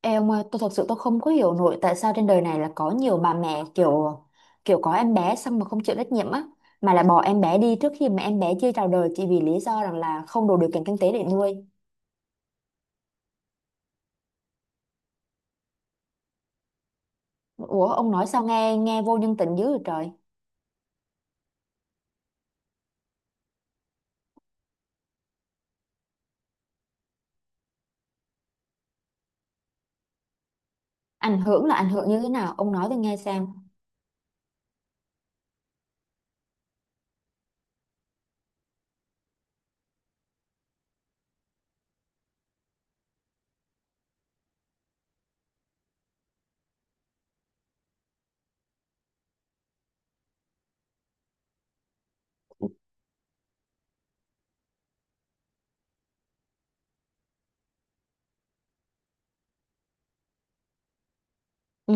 Ê ông ơi, tôi thật sự không có hiểu nổi tại sao trên đời này là có nhiều bà mẹ kiểu kiểu có em bé xong mà không chịu trách nhiệm á, mà lại bỏ em bé đi trước khi mà em bé chưa chào đời chỉ vì lý do rằng là không đủ điều kiện kinh tế để nuôi. Ủa ông nói sao nghe nghe vô nhân tính dữ vậy trời. Ảnh hưởng là ảnh hưởng như thế nào? Ông nói tôi nghe xem. Ừ.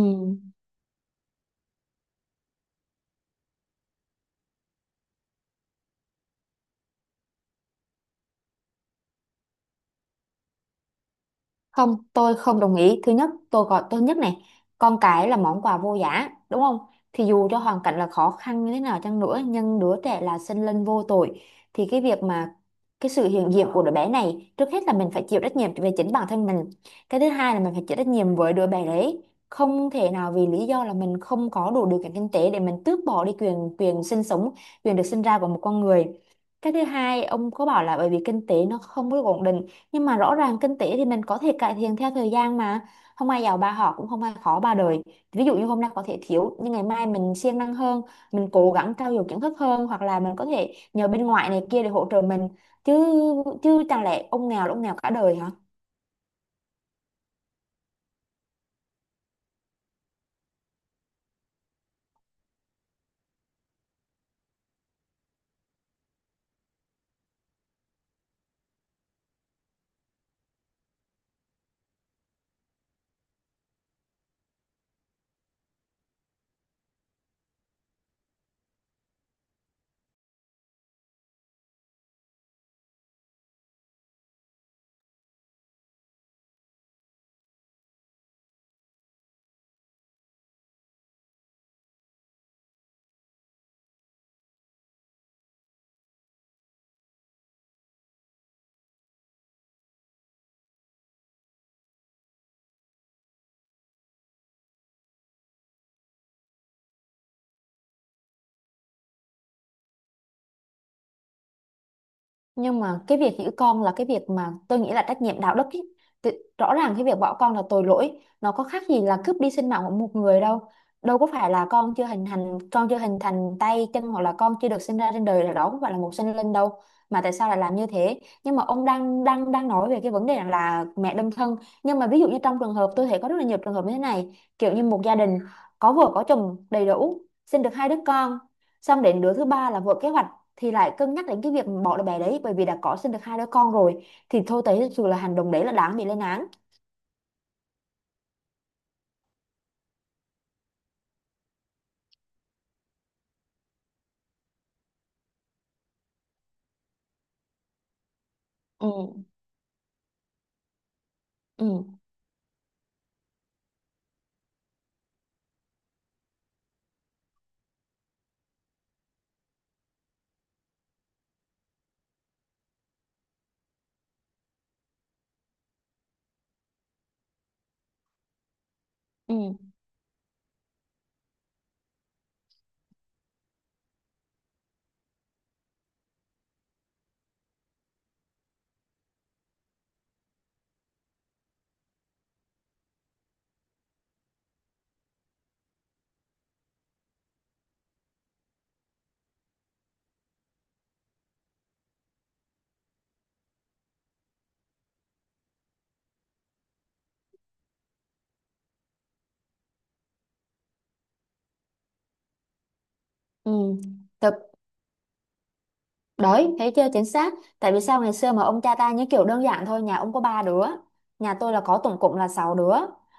Không, tôi không đồng ý. Thứ nhất, tôi gọi tôi nhất này, con cái là món quà vô giá, đúng không? Thì dù cho hoàn cảnh là khó khăn như thế nào chăng nữa, nhưng đứa trẻ là sinh linh vô tội. Thì cái việc mà cái sự hiện diện của đứa bé này, trước hết là mình phải chịu trách nhiệm về chính bản thân mình. Cái thứ hai là mình phải chịu trách nhiệm với đứa bé đấy. Không thể nào vì lý do là mình không có đủ điều kiện kinh tế để mình tước bỏ đi quyền quyền sinh sống, quyền được sinh ra của một con người. Cái thứ hai, ông có bảo là bởi vì kinh tế nó không có được ổn định, nhưng mà rõ ràng kinh tế thì mình có thể cải thiện theo thời gian mà, không ai giàu ba họ cũng không ai khó ba đời, ví dụ như hôm nay có thể thiếu nhưng ngày mai mình siêng năng hơn, mình cố gắng trau dồi kiến thức hơn hoặc là mình có thể nhờ bên ngoại này kia để hỗ trợ mình chứ. Chẳng lẽ ông nghèo là ông nghèo cả đời hả? Nhưng mà cái việc giữ con là cái việc mà tôi nghĩ là trách nhiệm đạo đức ý. Thì rõ ràng cái việc bỏ con là tội lỗi, nó có khác gì là cướp đi sinh mạng của một người đâu, đâu có phải là con chưa hình thành, tay chân hoặc là con chưa được sinh ra trên đời là đó không phải là một sinh linh đâu, mà tại sao lại làm như thế. Nhưng mà ông đang đang đang nói về cái vấn đề là mẹ đơn thân, nhưng mà ví dụ như trong trường hợp tôi thấy có rất là nhiều trường hợp như thế này, kiểu như một gia đình có vợ có chồng đầy đủ sinh được hai đứa con, xong đến đứa thứ ba là vợ kế hoạch thì lại cân nhắc đến cái việc bỏ đứa bé đấy bởi vì đã có sinh được hai đứa con rồi thì thôi, thấy thực sự là hành động đấy là đáng bị lên án. Ừ. Ừ. ừ ừ tớ Đấy, thấy chưa chính xác. Tại vì sao ngày xưa mà ông cha ta như kiểu đơn giản thôi, nhà ông có ba đứa, nhà tôi là có tổng cộng là 6 đứa.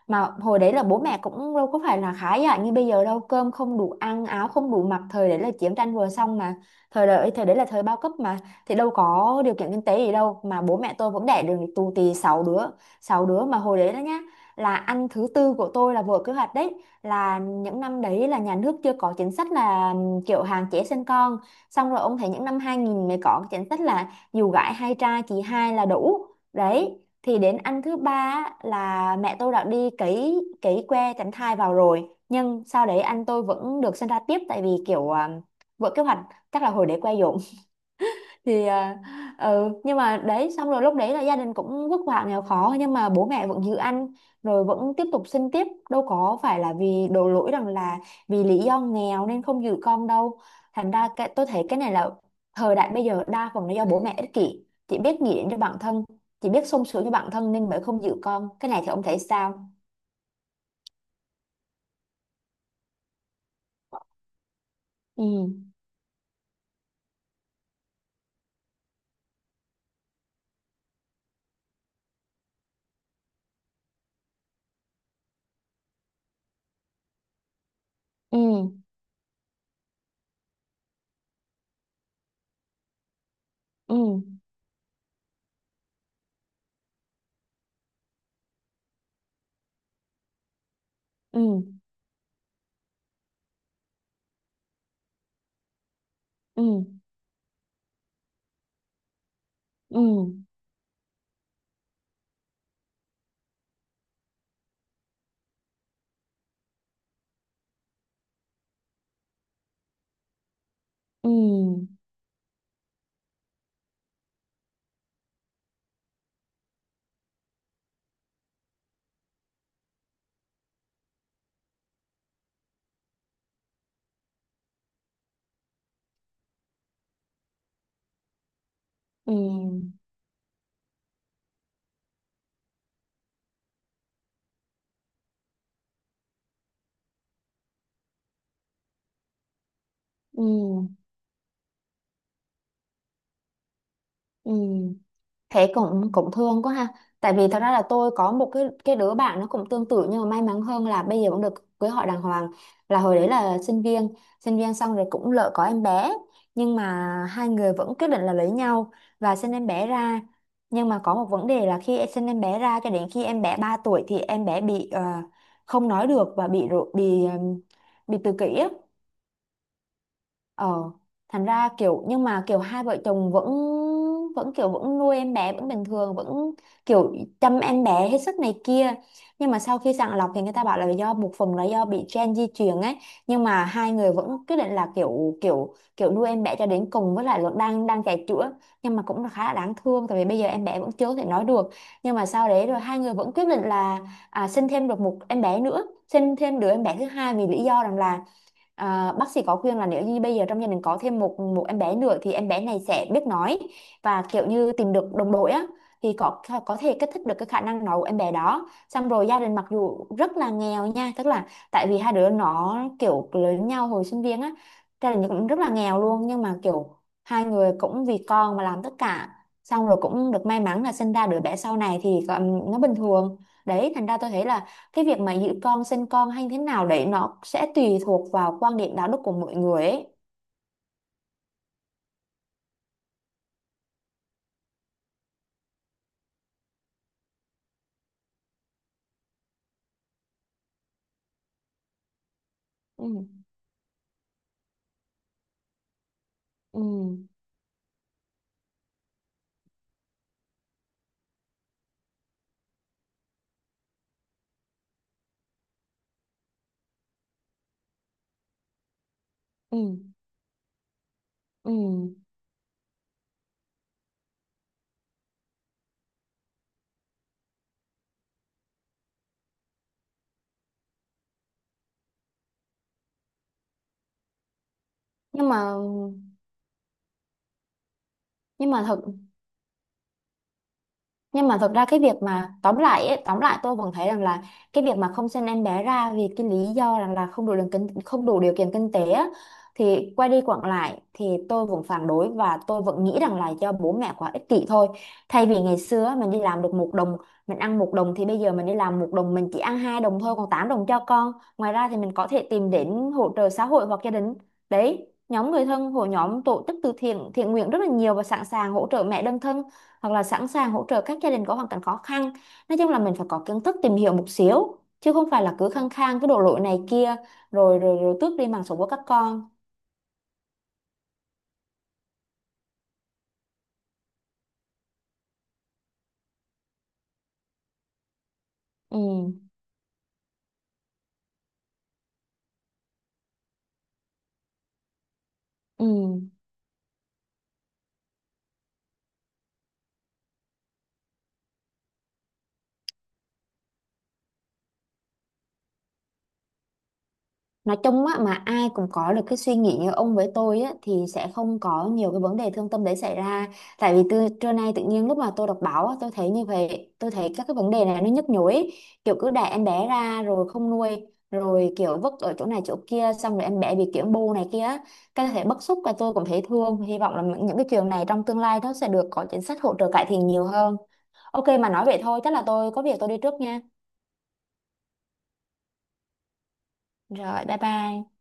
Mà hồi đấy là bố mẹ cũng đâu có phải là khá giả như bây giờ đâu, cơm không đủ ăn, áo không đủ mặc, thời đấy là chiến tranh vừa xong mà. Thời đấy là thời bao cấp mà, thì đâu có điều kiện kinh tế gì đâu mà bố mẹ tôi vẫn đẻ được tù tì 6 đứa, 6 đứa mà hồi đấy đó nhá, là ăn thứ tư của tôi là vừa kế hoạch đấy, là những năm đấy là nhà nước chưa có chính sách là kiểu hạn chế sinh con. Xong rồi ông thấy những năm 2000 mới có cái chính sách là dù gái hay trai chỉ hai là đủ. Đấy thì đến anh thứ ba á, là mẹ tôi đã đi cấy cấy que tránh thai vào rồi nhưng sau đấy anh tôi vẫn được sinh ra tiếp, tại vì kiểu vỡ kế hoạch, chắc là hồi đấy que dỗm. thì à, ừ nhưng mà đấy, xong rồi lúc đấy là gia đình cũng vất vả nghèo khó nhưng mà bố mẹ vẫn giữ ăn rồi vẫn tiếp tục sinh tiếp, đâu có phải là vì đổ lỗi rằng là vì lý do nghèo nên không giữ con đâu. Thành ra cái, tôi thấy cái này là thời đại bây giờ đa phần là do bố mẹ ích kỷ chỉ biết nghĩ đến cho bản thân, chỉ biết sung sướng cho bản thân nên mới không giữ con cái này, thì ông thấy sao? Ừ. Ừ. Ừ. Ừ. Ừ. ừ ừ ừ ừ ừ Thế cũng cũng thương quá ha. Tại vì thật ra là tôi có một cái đứa bạn nó cũng tương tự nhưng mà may mắn hơn là bây giờ cũng được cưới hỏi đàng hoàng. Là hồi đấy là sinh viên xong rồi cũng lỡ có em bé nhưng mà hai người vẫn quyết định là lấy nhau và sinh em bé ra. Nhưng mà có một vấn đề là khi sinh em bé ra cho đến khi em bé 3 tuổi thì em bé bị không nói được và bị tự kỷ á. Ờ, thành ra kiểu, nhưng mà kiểu hai vợ chồng vẫn, vẫn kiểu vẫn nuôi em bé vẫn bình thường, vẫn kiểu chăm em bé hết sức này kia, nhưng mà sau khi sàng lọc thì người ta bảo là do một phần là do bị gen di truyền ấy, nhưng mà hai người vẫn quyết định là kiểu kiểu kiểu nuôi em bé cho đến cùng, với lại vẫn đang đang chạy chữa. Nhưng mà cũng là khá là đáng thương tại vì bây giờ em bé vẫn chưa thể nói được. Nhưng mà sau đấy rồi hai người vẫn quyết định là sinh thêm được một em bé nữa, sinh thêm đứa em bé thứ hai vì lý do rằng là, à, bác sĩ có khuyên là nếu như bây giờ trong gia đình có thêm một một em bé nữa thì em bé này sẽ biết nói và kiểu như tìm được đồng đội á, thì có thể kích thích được cái khả năng nói của em bé đó. Xong rồi gia đình mặc dù rất là nghèo nha, tức là tại vì hai đứa nó kiểu lớn nhau hồi sinh viên á, gia đình cũng rất là nghèo luôn, nhưng mà kiểu hai người cũng vì con mà làm tất cả. Xong rồi cũng được may mắn là sinh ra đứa bé sau này thì nó bình thường. Đấy, thành ra tôi thấy là cái việc mà giữ con sinh con hay thế nào đấy nó sẽ tùy thuộc vào quan điểm đạo đức của mỗi người ấy. Ừ. Ừ. ừ ừ nhưng mà nhưng mà thật nhưng mà thực ra cái việc mà tóm lại ấy, tóm lại tôi vẫn thấy rằng là cái việc mà không sinh em bé ra vì cái lý do rằng là không đủ điều kiện kinh tế á, thì quay đi quẩn lại thì tôi vẫn phản đối và tôi vẫn nghĩ rằng là do bố mẹ quá ích kỷ thôi. Thay vì ngày xưa á, mình đi làm được một đồng mình ăn một đồng, thì bây giờ mình đi làm một đồng mình chỉ ăn hai đồng thôi còn 8 đồng cho con. Ngoài ra thì mình có thể tìm đến hỗ trợ xã hội hoặc gia đình, đấy, nhóm người thân, hội nhóm, tổ chức từ thiện thiện nguyện rất là nhiều và sẵn sàng hỗ trợ mẹ đơn thân hoặc là sẵn sàng hỗ trợ các gia đình có hoàn cảnh khó khăn. Nói chung là mình phải có kiến thức tìm hiểu một xíu chứ không phải là cứ khăng khăng cái đổ lỗi này kia rồi rồi rồi tước đi mạng sống của các con. Ừ. Ừ. Nói chung á, mà ai cũng có được cái suy nghĩ như ông với tôi á thì sẽ không có nhiều cái vấn đề thương tâm đấy xảy ra. Tại vì từ trưa nay tự nhiên lúc mà tôi đọc báo á, tôi thấy như vậy, tôi thấy các cái vấn đề này nó nhức nhối ấy. Kiểu cứ đẻ em bé ra rồi không nuôi rồi kiểu vứt ở chỗ này chỗ kia, xong rồi em bé bị kiểu bô này kia á. Cái thể bức xúc và tôi cũng thấy thương, hy vọng là những cái trường này trong tương lai nó sẽ được có chính sách hỗ trợ cải thiện nhiều hơn. Ok, mà nói vậy thôi, chắc là tôi có việc tôi đi trước nha. Rồi, bye bye.